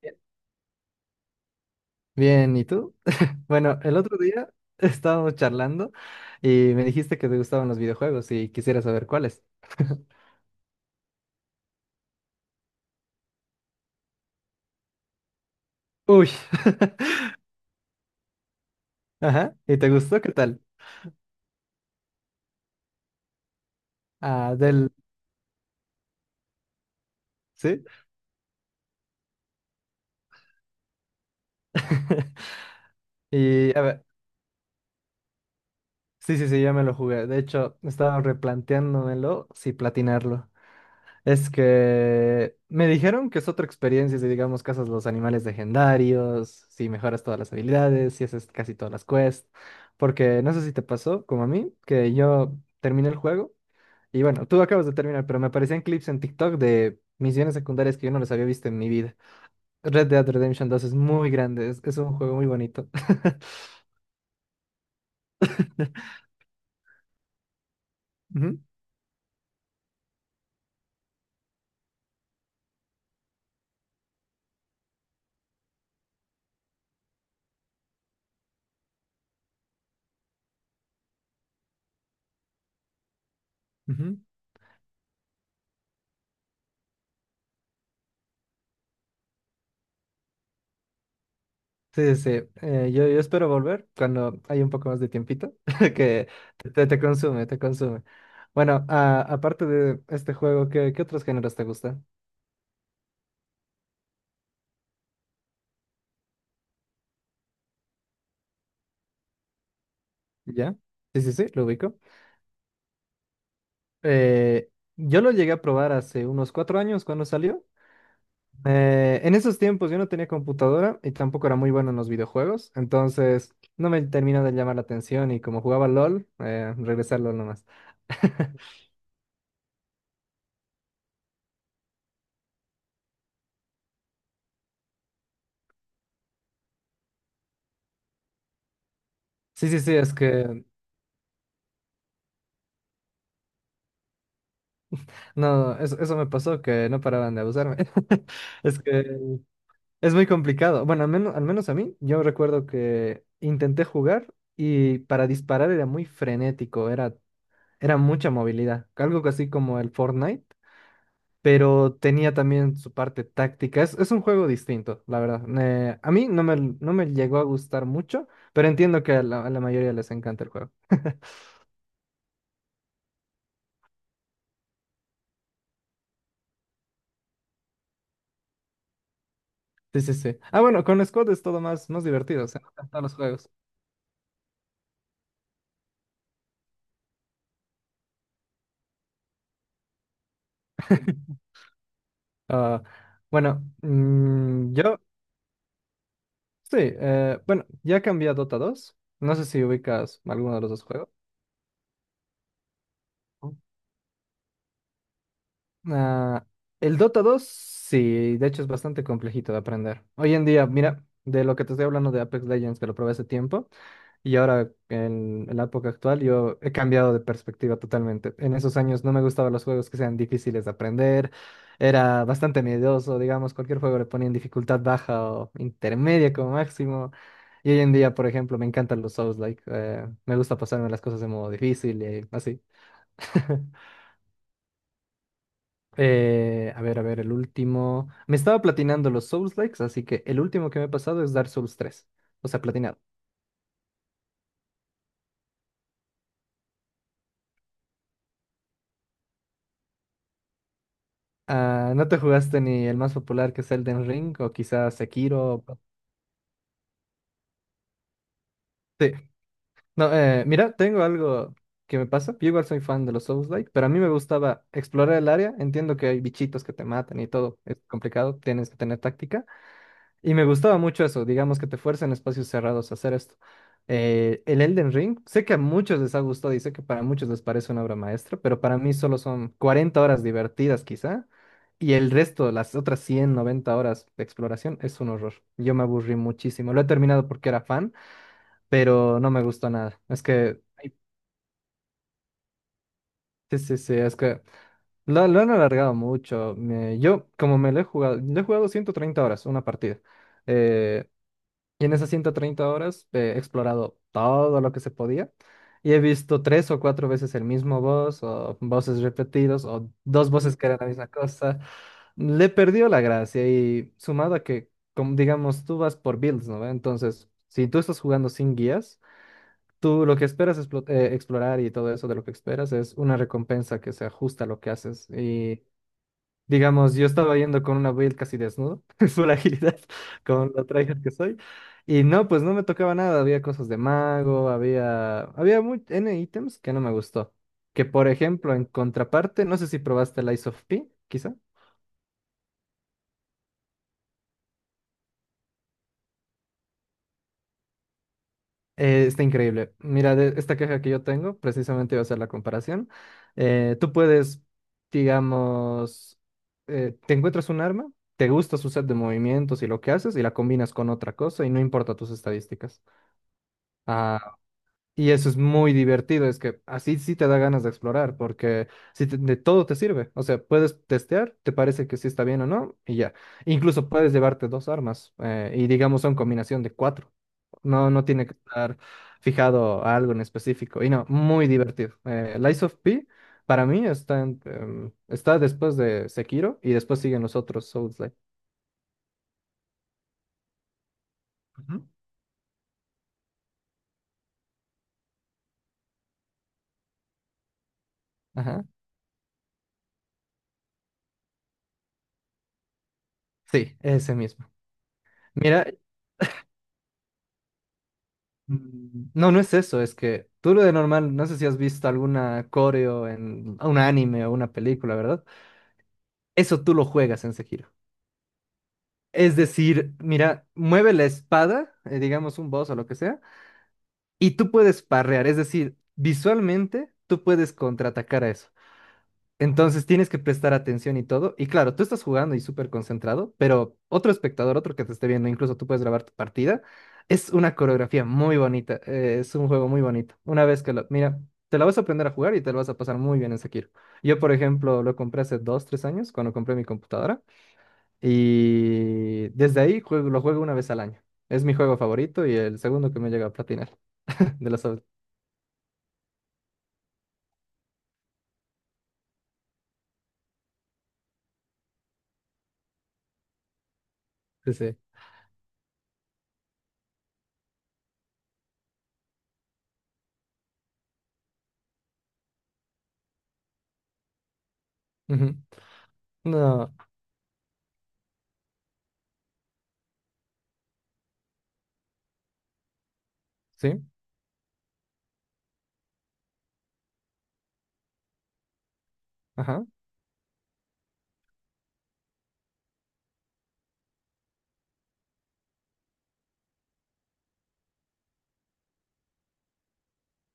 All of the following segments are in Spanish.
Bien, Bien, ¿y tú? Bueno, el otro día estábamos charlando y me dijiste que te gustaban los videojuegos y quisiera saber cuáles. Uy, ajá, ¿y te gustó? ¿Qué tal? Ah, del, ¿sí? Y a ver, sí, sí, sí, ya me lo jugué. De hecho, estaba replanteándomelo si platinarlo. Es que me dijeron que es otra experiencia si, digamos, cazas los animales legendarios, si mejoras todas las habilidades, si haces casi todas las quests. Porque no sé si te pasó, como a mí, que yo terminé el juego y bueno, tú acabas de terminar, pero me aparecían clips en TikTok de misiones secundarias que yo no les había visto en mi vida. Red Dead Redemption dos es muy grande, es un juego muy bonito. Ujú, ujú. Sí, sí, yo espero volver cuando hay un poco más de tiempito, que te consume, te consume. Bueno, aparte de este juego, ¿qué otros géneros te gustan? ¿Ya? Sí, sí, sí, lo ubico. Eh, yo lo llegué a probar hace unos 4 años cuando salió. En esos tiempos yo no tenía computadora y tampoco era muy bueno en los videojuegos, entonces no me terminó de llamar la atención y como jugaba LOL, regresé a LOL nomás. Sí, sí, sí, es que no, eso me pasó, que no paraban de abusarme. Es que es muy complicado. Bueno, al menos a mí, yo recuerdo que intenté jugar y para disparar era muy frenético, era mucha movilidad. Algo así como el Fortnite, pero tenía también su parte táctica. Es un juego distinto, la verdad. A mí no me llegó a gustar mucho, pero entiendo que a la mayoría les encanta el juego. Sí, sí, sí. Ah, bueno, con Squad es todo más, más divertido, se notan todos los juegos. Ah, bueno, yo sí, bueno, ya cambié a Dota dos. No sé si ubicas alguno de los dos juegos. Ah, el Dota dos, sí, de hecho es bastante complejito de aprender. Hoy en día, mira, de lo que te estoy hablando de Apex Legends, que lo probé hace tiempo, y ahora en la época actual yo he cambiado de perspectiva totalmente. En esos años no me gustaban los juegos que sean difíciles de aprender, era bastante miedoso, digamos, cualquier juego le ponía en dificultad baja o intermedia como máximo. Y hoy en día, por ejemplo, me encantan los Souls-like, me gusta pasarme las cosas de modo difícil y así. A ver, a ver, el último. Me estaba platinando los Souls Likes, así que el último que me he pasado es Dark Souls tres. O sea, platinado. Ah, ¿no te jugaste ni el más popular que es Elden Ring o quizás Sekiro? Sí. No, mira, tengo algo que me pasa. Yo igual soy fan de los Souls Like, pero a mí me gustaba explorar el área. Entiendo que hay bichitos que te matan y todo. Es complicado, tienes que tener táctica. Y me gustaba mucho eso, digamos que te fuerza en espacios cerrados a hacer esto. El Elden Ring, sé que a muchos les ha gustado y sé que para muchos les parece una obra maestra, pero para mí solo son 40 horas divertidas quizá, y el resto, las otras 100, 90 horas de exploración, es un horror. Yo me aburrí muchísimo. Lo he terminado porque era fan, pero no me gustó nada. Es que, ay, sí, sí, sí, es que lo han alargado mucho. Yo, como me lo he jugado 130 horas, una partida. Eh, Y en esas 130 horas he explorado todo lo que se podía y he visto tres o cuatro veces el mismo boss o voces repetidos o dos voces que eran la misma cosa. Le perdió la gracia y sumado a que, como digamos, tú vas por builds, ¿no? ve Entonces, si tú estás jugando sin guías, tú lo que esperas explorar y todo eso de lo que esperas es una recompensa que se ajusta a lo que haces. Y digamos, yo estaba yendo con una build casi desnudo, full agilidad, con la tryhard que soy. Y no, pues no me tocaba nada. Había cosas de mago, había muy, N ítems que no me gustó. Que por ejemplo, en contraparte, no sé si probaste el Ice of P, quizá. Está increíble. Mira, de esta queja que yo tengo, precisamente iba a hacer la comparación. Tú puedes, digamos, te encuentras un arma, te gusta su set de movimientos y lo que haces, y la combinas con otra cosa y no importa tus estadísticas. ah, Y eso es muy divertido, es que así sí te da ganas de explorar, porque si te- de todo te sirve, o sea, puedes testear, te parece que sí está bien o no, y ya. Incluso puedes llevarte dos armas, y digamos son combinación de cuatro. No, no tiene que estar fijado a algo en específico, y no, muy divertido. Lies of P, para mí, está, está después de Sekiro, y después siguen los otros Souls-like. Ujú. Ajá. Sí, ese mismo. Mira, no, no es eso, es que tú lo de normal, no sé si has visto alguna coreo en un anime o una película, ¿verdad? Eso tú lo juegas en Sekiro. Es decir, mira, mueve la espada, digamos un boss o lo que sea, y tú puedes parrear, es decir, visualmente tú puedes contraatacar a eso. Entonces tienes que prestar atención y todo. Y claro, tú estás jugando y súper concentrado, pero otro espectador, otro que te esté viendo, incluso tú puedes grabar tu partida. Es una coreografía muy bonita. Es un juego muy bonito. Una vez que lo... Mira, te la vas a aprender a jugar y te lo vas a pasar muy bien en Sekiro. Yo, por ejemplo, lo compré hace dos, tres años cuando compré mi computadora. Y desde ahí lo juego una vez al año. Es mi juego favorito y el segundo que me llega a platinar. de los... Sí, sí. Ujú. No, sí, ajá.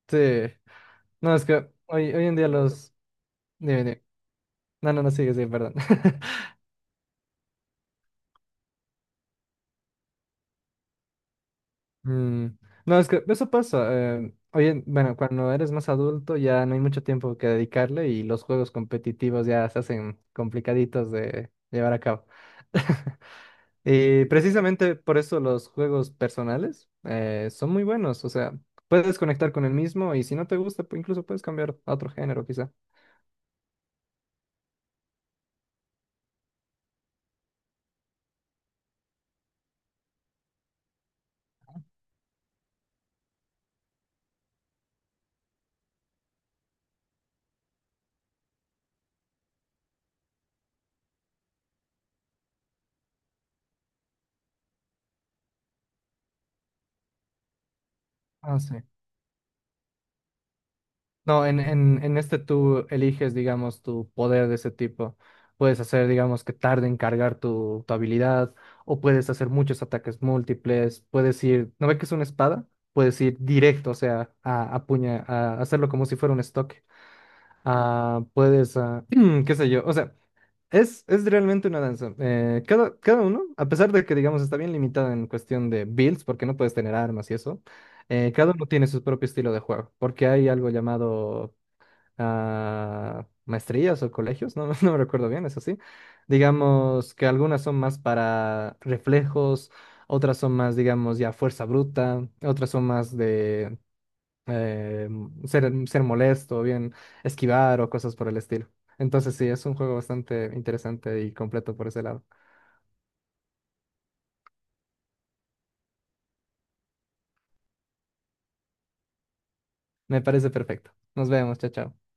Sí. No, es que hoy en día dime, dime. No, no, no, sigue, sí, perdón. Mm, No, es que eso pasa. Bueno, cuando eres más adulto ya no hay mucho tiempo que dedicarle y los juegos competitivos ya se hacen complicaditos de llevar a cabo. Y precisamente por eso los juegos personales son muy buenos. O sea, puedes conectar con el mismo y si no te gusta, incluso puedes cambiar a otro género, quizá. Ah, sí. No, en este tú eliges, digamos, tu poder de ese tipo. Puedes hacer, digamos, que tarde en cargar tu habilidad, o puedes hacer muchos ataques múltiples, puedes ir, ¿no ve que es una espada? Puedes ir directo, o sea, a puña, a hacerlo como si fuera un estoque. Ah, puedes, qué sé yo, o sea, es realmente una danza. Cada uno, a pesar de que, digamos, está bien limitada en cuestión de builds, porque no puedes tener armas y eso, cada uno tiene su propio estilo de juego, porque hay algo llamado maestrías o colegios, no, no me recuerdo bien, eso sí. Digamos que algunas son más para reflejos, otras son más, digamos, ya fuerza bruta, otras son más de ser molesto, bien esquivar o cosas por el estilo. Entonces sí, es un juego bastante interesante y completo por ese lado. Me parece perfecto. Nos vemos, chao, chao.